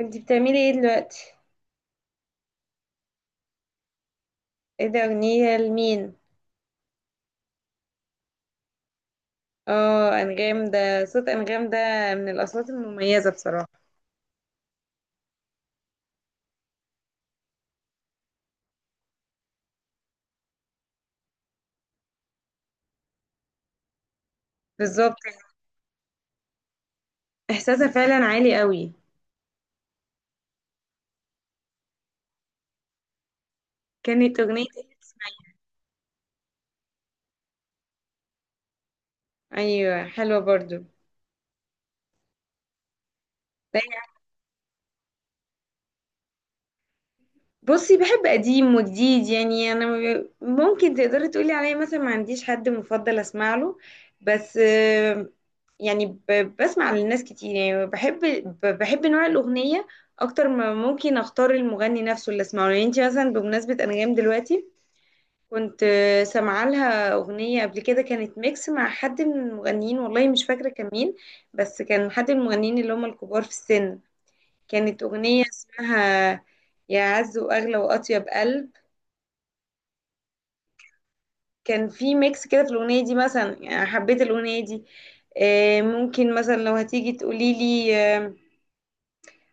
انتي بتعملي ايه دلوقتي؟ ايه ده؟ اغنية لمين؟ اه، انغام ده. صوت انغام ده من الاصوات المميزة بصراحة. بالظبط. احساسها فعلا عالي قوي. كانت اغنية. ايوه، حلوة برضو. بصي، بحب قديم وجديد، يعني انا ما ب- ممكن تقدري تقولي عليا مثلا ما عنديش حد مفضل اسمع له. بس يعني بسمع للناس كتير، يعني بحب بحب نوع الاغنيه اكتر ما ممكن اختار المغني نفسه اللي اسمعه. يعني انت مثلا بمناسبه انغام دلوقتي كنت سامعه لها اغنيه قبل كده، كانت ميكس مع حد من المغنيين، والله مش فاكره كان مين، بس كان حد من المغنيين اللي هم الكبار في السن. كانت أغنية اسمها يا عز وأغلى وأطيب قلب. كان في ميكس كده في الأغنية دي، مثلا يعني حبيت الأغنية دي. ممكن مثلا لو هتيجي تقولي لي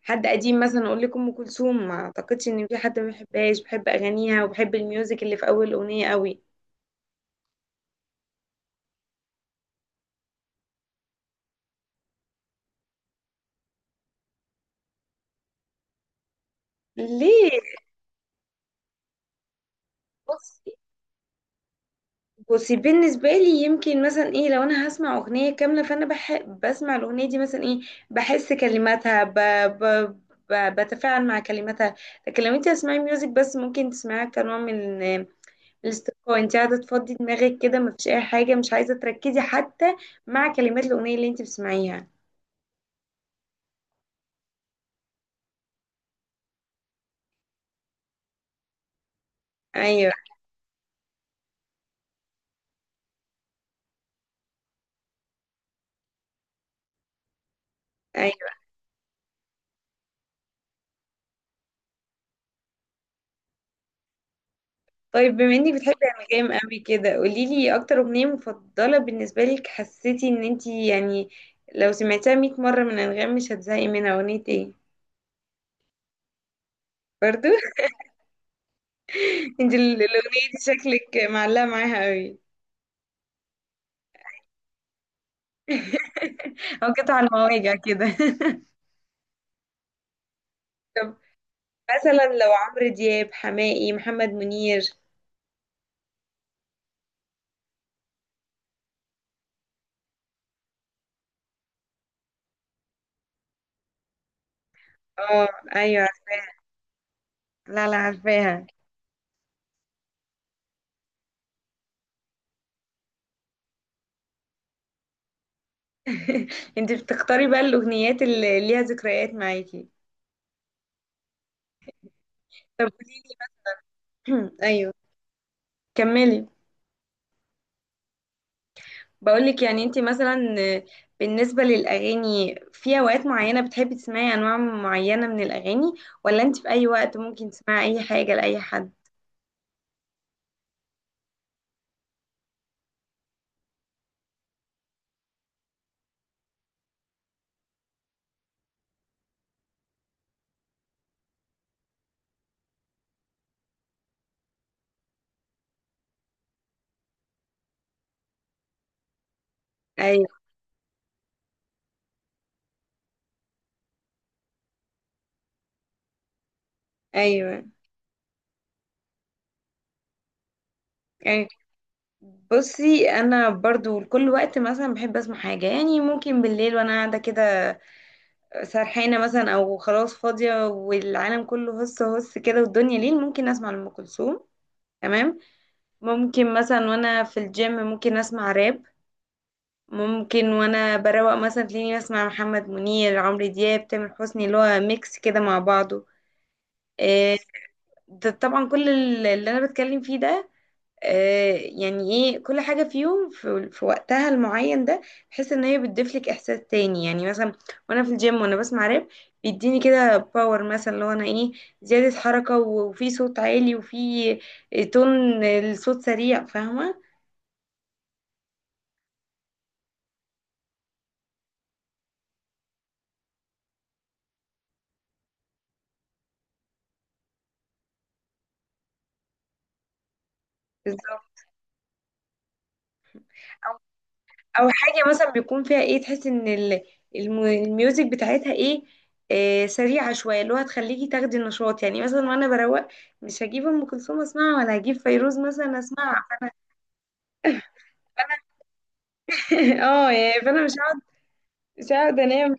حد قديم، مثلا أقول لك أم كلثوم، ما أعتقدش إن في حد ما بيحبهاش، بحب أغانيها وبحب الميوزك اللي في أول الأغنية قوي. ليه؟ بص. بصي، بالنسبة لي يمكن مثلا ايه، لو انا هسمع اغنية كاملة فانا بسمع الاغنية دي مثلا، ايه، بحس كلماتها ب... ب... بتفاعل مع كلماتها. لكن لو انت هتسمعي ميوزك بس، ممكن تسمعيها كنوع من الاسترخاء. انت قاعدة تفضي دماغك كده، مفيش اي حاجة، مش عايزة تركزي حتى مع كلمات الاغنية اللي انت بتسمعيها. ايوه. أيوه. طيب، بما انك بتحبي انغام قوي كده، قولي لي اكتر اغنيه مفضله بالنسبه لك، حسيتي ان انت يعني لو سمعتها 100 مره من انغام مش هتزهقي منها اغنيه ايه؟ برضو. انت الاغنيه دي شكلك معلقه معاها قوي. او قطع المواجع كده. طب مثلا لو عمرو دياب، حماقي، محمد منير. اه. ايوه. لا لا، عارفاها. انت بتختاري بقى الاغنيات اللي ليها ذكريات معاكي. طب قولي لي بقى، ايوه كملي. بقولك يعني انت مثلا، بالنسبة للأغاني، في أوقات معينة بتحبي تسمعي أنواع معينة من الأغاني، ولا انت في أي وقت ممكن تسمعي أي حاجة لأي حد؟ أيوة. أيوة. يعني بصي، أنا برضو لكل وقت مثلا بحب أسمع حاجة. يعني ممكن بالليل وأنا قاعدة كده سرحانة مثلا، أو خلاص فاضية والعالم كله هس هس كده، والدنيا ليل، ممكن أسمع لأم كلثوم. تمام. ممكن مثلا وأنا في الجيم ممكن أسمع راب. ممكن وانا بروق مثلا تلاقيني بسمع محمد منير، عمرو دياب، تامر حسني، اللي هو ميكس كده مع بعضه. آه، ده طبعا كل اللي انا بتكلم فيه ده، يعني ايه، كل حاجة فيهم في وقتها المعين ده. بحس ان هي بتضيفلك احساس تاني، يعني مثلا وانا في الجيم وانا بسمع راب، بيديني كده باور، مثلا اللي هو انا ايه، زيادة حركة وفي صوت عالي، وفي تون الصوت سريع، فاهمة؟ بالظبط. او حاجه مثلا بيكون فيها ايه، تحس ان الميوزك بتاعتها ايه، سريعه شويه، اللي هو هتخليكي تاخدي النشاط. يعني مثلا وانا بروق مش هجيب ام كلثوم اسمعها، ولا هجيب فيروز مثلا اسمعها. اه، يعني فانا مش هقعد انام.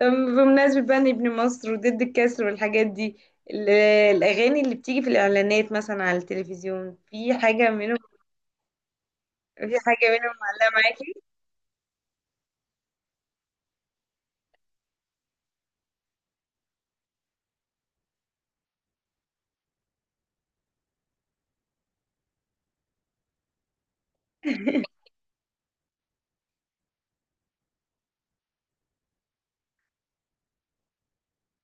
طب بمناسبة بقى إن ابن مصر وضد الكسر والحاجات دي، ال- الأغاني اللي بتيجي في الإعلانات مثلا على التلفزيون، في حاجة منهم، في حاجة منهم معلقة معاكي؟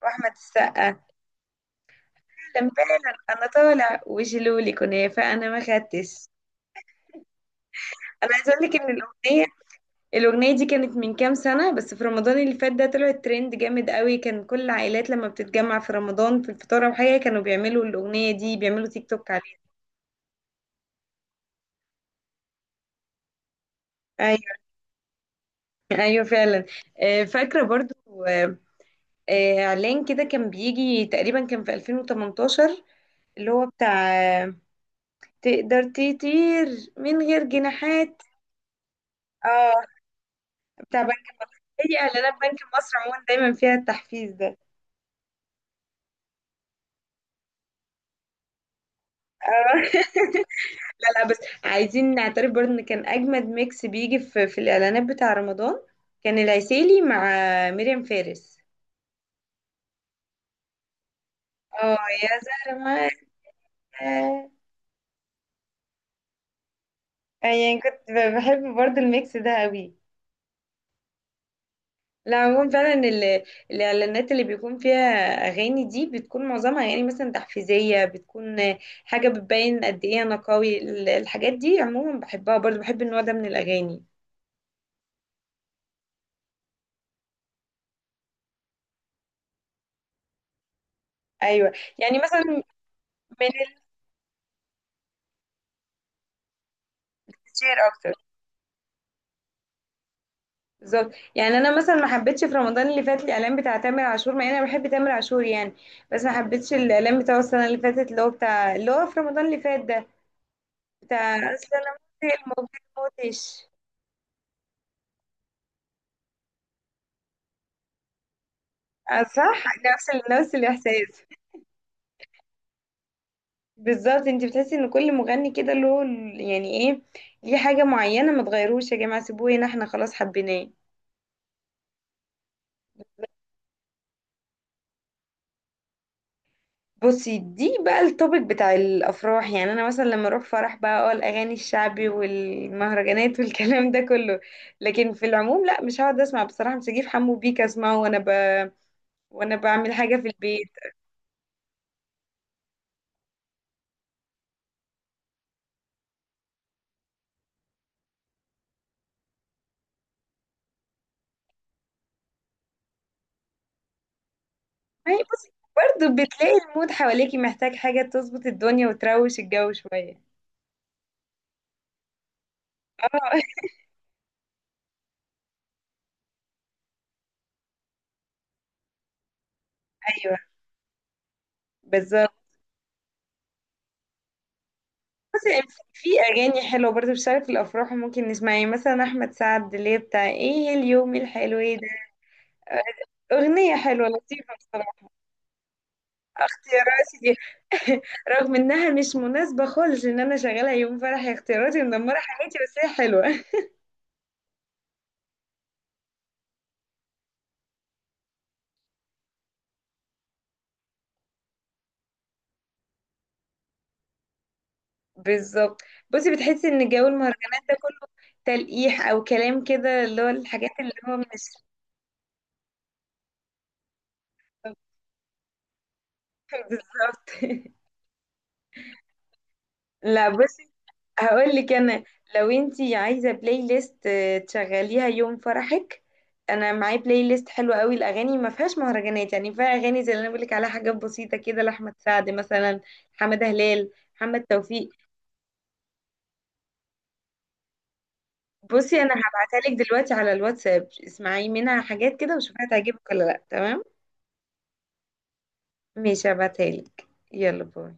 وأحمد السقا. لمبالا. أنا طالع وشلولي كنافة، أنا ما خدتش. انا عايزه اقول لك ان الاغنيه دي كانت من كام سنه بس، في رمضان اللي فات ده طلعت ترند جامد قوي، كان كل العائلات لما بتتجمع في رمضان في الفطار او حاجه كانوا بيعملوا الاغنيه دي، بيعملوا تيك توك عليها. ايوه، ايوه فعلا. آه، فاكره برضو آه، آه، اعلان كده كان بيجي تقريبا، كان في 2018، اللي هو بتاع آه، تقدر تطير من غير جناحات. اه، بتاع بنك. اي اعلانات بنك مصر عموما دايما فيها التحفيز ده. اه. لا لا، بس عايزين نعترف برضه ان كان اجمد ميكس بيجي في الاعلانات بتاع رمضان كان العسيلي مع مريم فارس. اه، يا زهرة ما. يعني كنت بحب برضه الميكس ده قوي. لا، عموما فعلا الاعلانات اللي بيكون فيها اغاني دي بتكون معظمها يعني مثلا تحفيزية، بتكون حاجة بتبين قد ايه انا قوي. الحاجات دي عموما بحبها، برضه بحب النوع ده من الاغاني. ايوه، يعني مثلا من الشعر اكتر. بالظبط، يعني انا مثلا ما حبيتش في رمضان اللي فات الاعلان بتاع تامر عاشور، مع ان انا بحب تامر عاشور يعني، بس ما حبيتش الاعلان بتاعه السنه اللي فاتت، اللي هو بتاع اللي هو في رمضان اللي فات ده، بتاع اصل انا موتي الموبايل موتش. صح. نفس الاحساس. بالظبط، انت بتحسي ان كل مغني كده له يعني ايه، ليه حاجه معينه. ما تغيروش يا جماعه، سيبوه هنا، احنا خلاص حبيناه. بصي، دي بقى التوبيك بتاع الافراح. يعني انا مثلا لما اروح فرح بقى، اه، الاغاني الشعبي والمهرجانات والكلام ده كله. لكن في العموم لا، مش هقعد اسمع بصراحه، مش هجيب حمو بيك اسمعه وانا وانا بعمل حاجه في البيت. ما هي بصي برضه، بتلاقي المود حواليكي محتاج حاجه تظبط الدنيا وتروش الجو شويه. اه. ايوه، بالظبط. بصي، في اغاني حلوه برضه بتشتغل في الافراح وممكن نسمعها، يعني مثلا احمد سعد اللي هي بتاع ايه، اليوم الحلو إيه ده. آه، اغنيه حلوه لطيفه. اختياراتي. رغم انها مش مناسبة خالص ان انا شغالة يوم فرح هي اختياراتي ومدمرة حياتي، بس هي حلوة. بالظبط. بصي، بتحسي ان جو المهرجانات ده كله تلقيح او كلام كده، اللي هو الحاجات اللي هو مش. بالظبط. لا بصي، هقول لك انا، لو انتي عايزه بلاي ليست تشغليها يوم فرحك، انا معايا بلاي ليست حلوه قوي، الاغاني ما فيهاش مهرجانات، يعني فيها اغاني زي اللي انا بقول لك عليها، حاجات بسيطه كده لاحمد سعد مثلا، حماده هلال، محمد توفيق. بصي، انا هبعتها لك دلوقتي على الواتساب، اسمعي منها حاجات كده وشوفيها تعجبك ولا لا. تمام؟ ماشي، هبعتها لك. يلا باي.